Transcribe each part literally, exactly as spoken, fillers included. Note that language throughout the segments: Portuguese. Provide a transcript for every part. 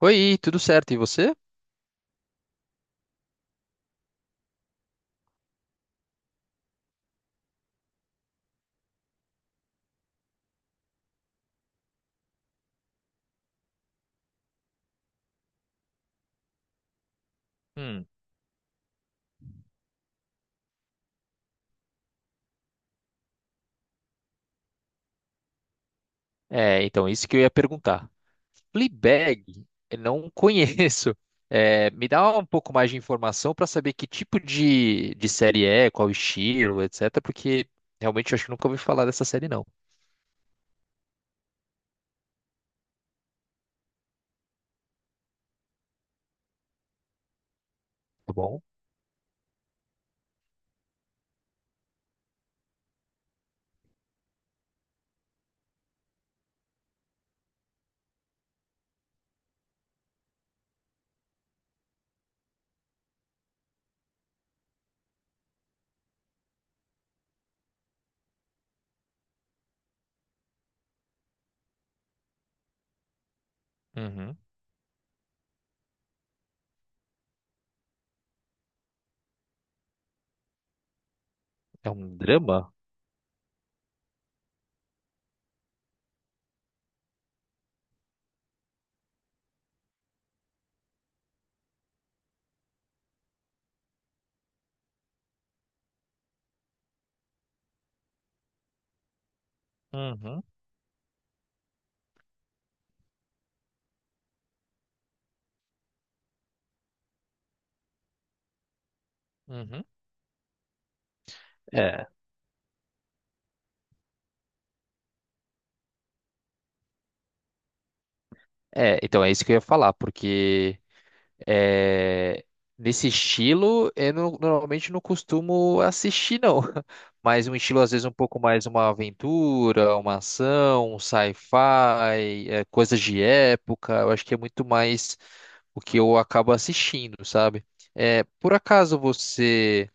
Oi, tudo certo? E você? Hum, É, então, isso que eu ia perguntar. Fleabag, eu não conheço. É, me dá um pouco mais de informação para saber que tipo de, de série é, qual estilo, etcétera. Porque realmente eu acho que nunca ouvi falar dessa série, não. Tá bom? Uhum. É um drama? Uhum. Uhum. É. É, então é isso que eu ia falar, porque é, nesse estilo, eu não- normalmente não costumo assistir, não. Mas um estilo, às vezes, um pouco mais uma aventura, uma ação, um sci-fi, é, coisas de época. Eu acho que é muito mais o que eu acabo assistindo, sabe? É, por acaso você.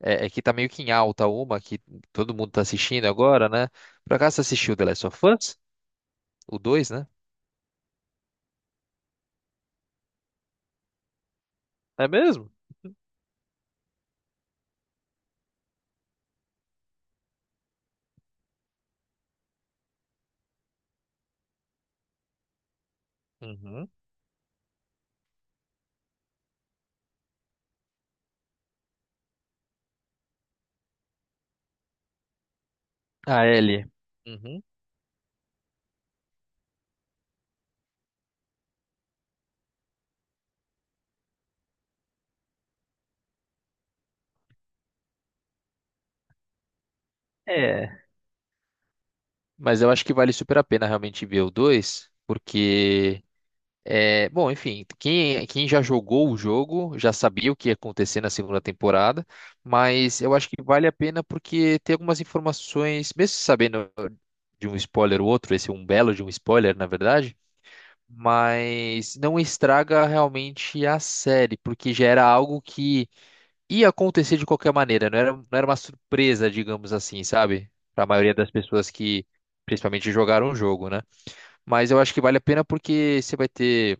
É, é que tá meio que em alta uma, que todo mundo tá assistindo agora, né? Por acaso você assistiu The Last of Us? O dois, né? É mesmo? Uhum. A Ellie. Uhum. É. Mas eu acho que vale super a pena realmente ver o dois, porque é, bom, enfim, quem, quem já jogou o jogo já sabia o que ia acontecer na segunda temporada, mas eu acho que vale a pena porque tem algumas informações, mesmo sabendo de um spoiler ou outro. Esse é um belo de um spoiler, na verdade, mas não estraga realmente a série, porque já era algo que ia acontecer de qualquer maneira, não era, não era uma surpresa, digamos assim, sabe? Para a maioria das pessoas que principalmente jogaram o jogo, né? Mas eu acho que vale a pena porque você vai ter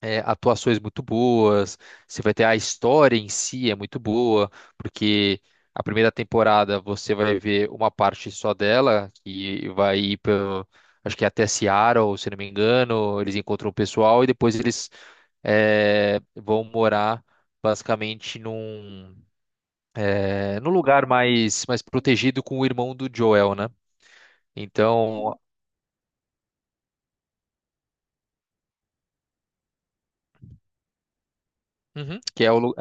é, atuações muito boas, você vai ter a história em si é muito boa, porque a primeira temporada você vai ver uma parte só dela, que vai ir pelo, acho que é até Seattle, se não me engano. Eles encontram o pessoal e depois eles é, vão morar basicamente num, é, num lugar mais, mais protegido com o irmão do Joel, né? Então, uhum. que é o, lu-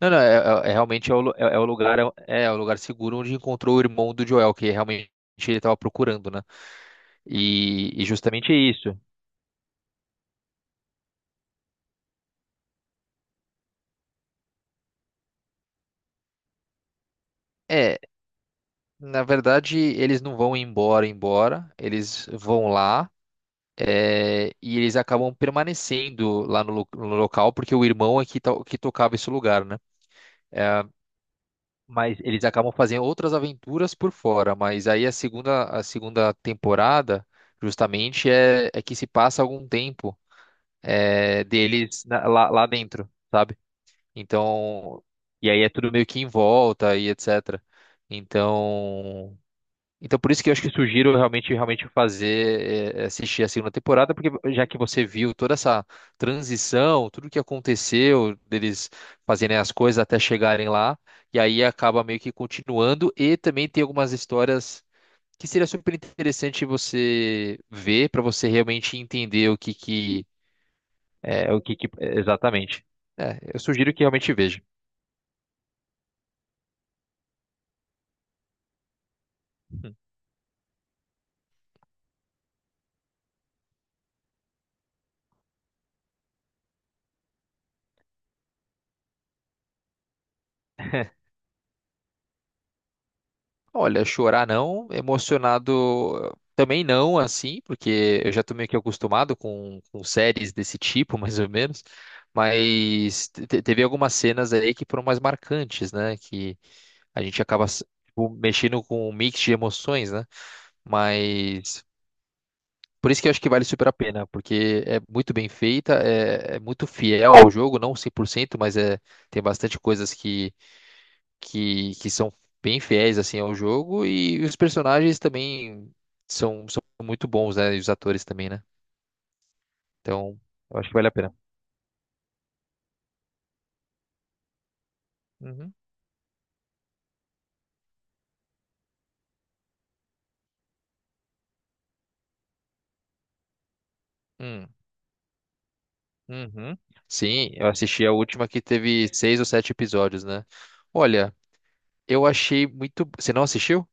Não, não, é, é- é realmente é o, lu- é, é o lugar, é, é é o lugar seguro onde encontrou o irmão do Joel, que realmente ele estava procurando, né? E, e justamente é isso. É, na verdade, eles não vão embora, embora, eles vão lá, é, e eles acabam permanecendo lá no, lo- no local, porque o irmão é que, to- que tocava esse lugar, né? É, mas eles acabam fazendo outras aventuras por fora, mas aí a segunda, a segunda temporada, justamente, é, é que se passa algum tempo. É, deles na- lá, lá dentro, sabe? Então, e aí é tudo meio que em volta e etcétera. Então, então por isso que eu acho que sugiro realmente realmente fazer é, assistir a segunda temporada, porque já que você viu toda essa transição, tudo que aconteceu deles fazerem as coisas até chegarem lá, e aí acaba meio que continuando e também tem algumas histórias que seria super interessante você ver para você realmente entender o que que é é o que, que- exatamente. É, eu sugiro que realmente veja. Olha, chorar não, emocionado também não, assim, porque eu já tô meio que acostumado com, com séries desse tipo, mais ou menos. Mas te- teve algumas cenas aí que foram mais marcantes, né? Que a gente acaba s- tipo, mexendo com um mix de emoções, né? Mas por isso que eu acho que vale super a pena, porque é muito bem feita, é, é muito fiel ao jogo, não cem por cento, mas é, tem bastante coisas que, que são bem fiéis assim ao jogo, e os personagens também são, são muito bons, né? E os atores também, né? Então, eu acho que vale a pena. Uhum. Hum. Uhum. Sim, eu assisti a última que teve seis ou sete episódios, né? Olha, eu achei muito. Você não assistiu?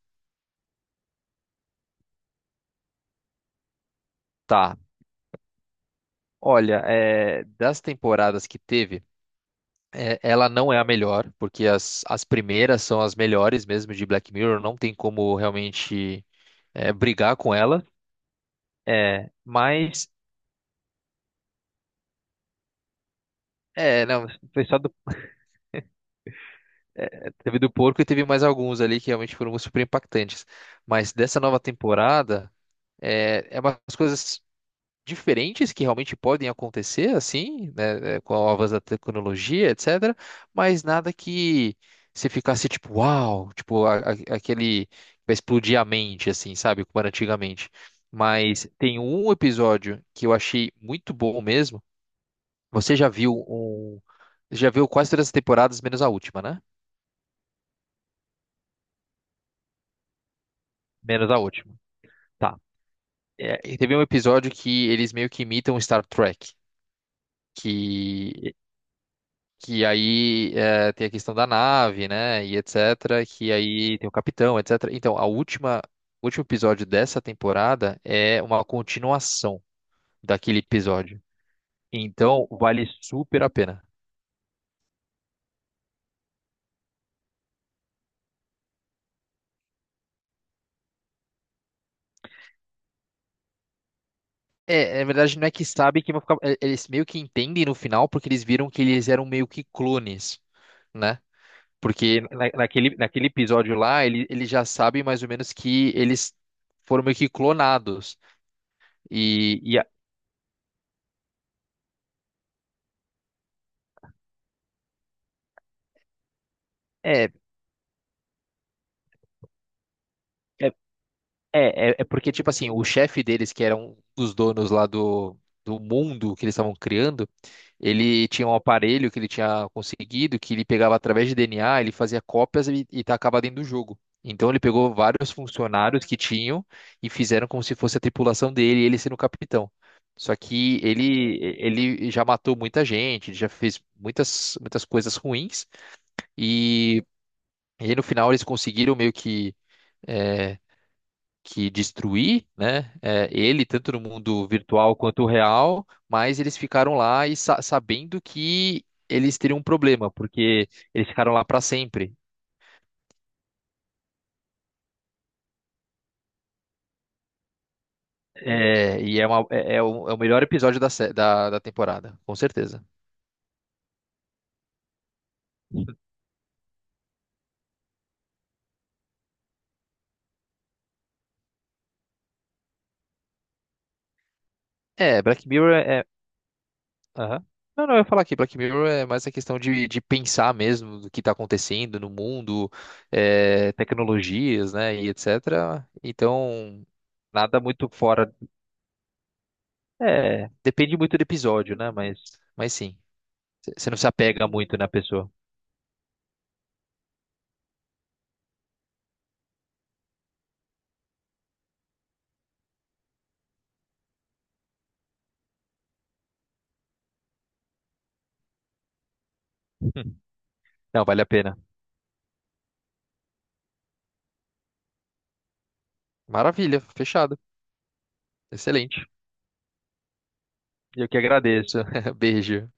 Tá. Olha, é, das temporadas que teve, é, ela não é a melhor, porque as, as primeiras são as melhores mesmo de Black Mirror, não tem como realmente é, brigar com ela. É, mas é, não, foi só do, teve do porco e teve mais alguns ali que realmente foram super impactantes. Mas dessa nova temporada é, é umas coisas diferentes que realmente podem acontecer, assim, né, é, com o avanço da tecnologia, etcétera. Mas nada que você ficasse tipo, uau, tipo a- a- aquele que vai explodir a mente, assim, sabe, como era antigamente. Mas tem um episódio que eu achei muito bom mesmo. Você já viu um. Já viu quase todas as temporadas, menos a última, né? Menos a última. Tá. É, e teve um episódio que eles meio que imitam Star Trek. Que, que aí é, tem a questão da nave, né? E etcétera. Que aí tem o capitão, etcétera. Então, a última, o último episódio dessa temporada é uma continuação daquele episódio. Então, vale super a pena. É, na verdade, não é que sabe que vão ficar. é, Eles meio que entendem no final, porque eles viram que eles eram meio que clones, né? Porque na- naquele, naquele episódio lá, ele, ele já sabe mais ou menos que eles foram meio que clonados. E, e a- é, É, é, é porque, tipo assim, o chefe deles, que era um dos donos lá do, do mundo que eles estavam criando, ele tinha um aparelho que ele tinha conseguido, que ele pegava através de D N A, ele fazia cópias e, e tacava dentro do jogo. Então ele pegou vários funcionários que tinham e fizeram como se fosse a tripulação dele, ele sendo o capitão. Só que ele, ele já matou muita gente, ele já fez muitas, muitas coisas ruins, e, e aí no final eles conseguiram meio que é, que destruir, né? É, ele, tanto no mundo virtual quanto real, mas eles ficaram lá e sa- sabendo que eles teriam um problema, porque eles ficaram lá para sempre. É, e é, uma- é- é o, é o melhor episódio da, sé- da, da temporada, com certeza. É, Black Mirror é. É, aham. Não, não, eu ia falar aqui, Black Mirror é mais a questão de, de pensar mesmo do que está acontecendo no mundo, é, tecnologias, né, e etcétera. Então, nada muito fora. É, depende muito do episódio, né? Mas, mas sim, C- você não se apega muito na pessoa. Não, vale a pena. Maravilha, fechado. Excelente. Eu que agradeço. Beijo.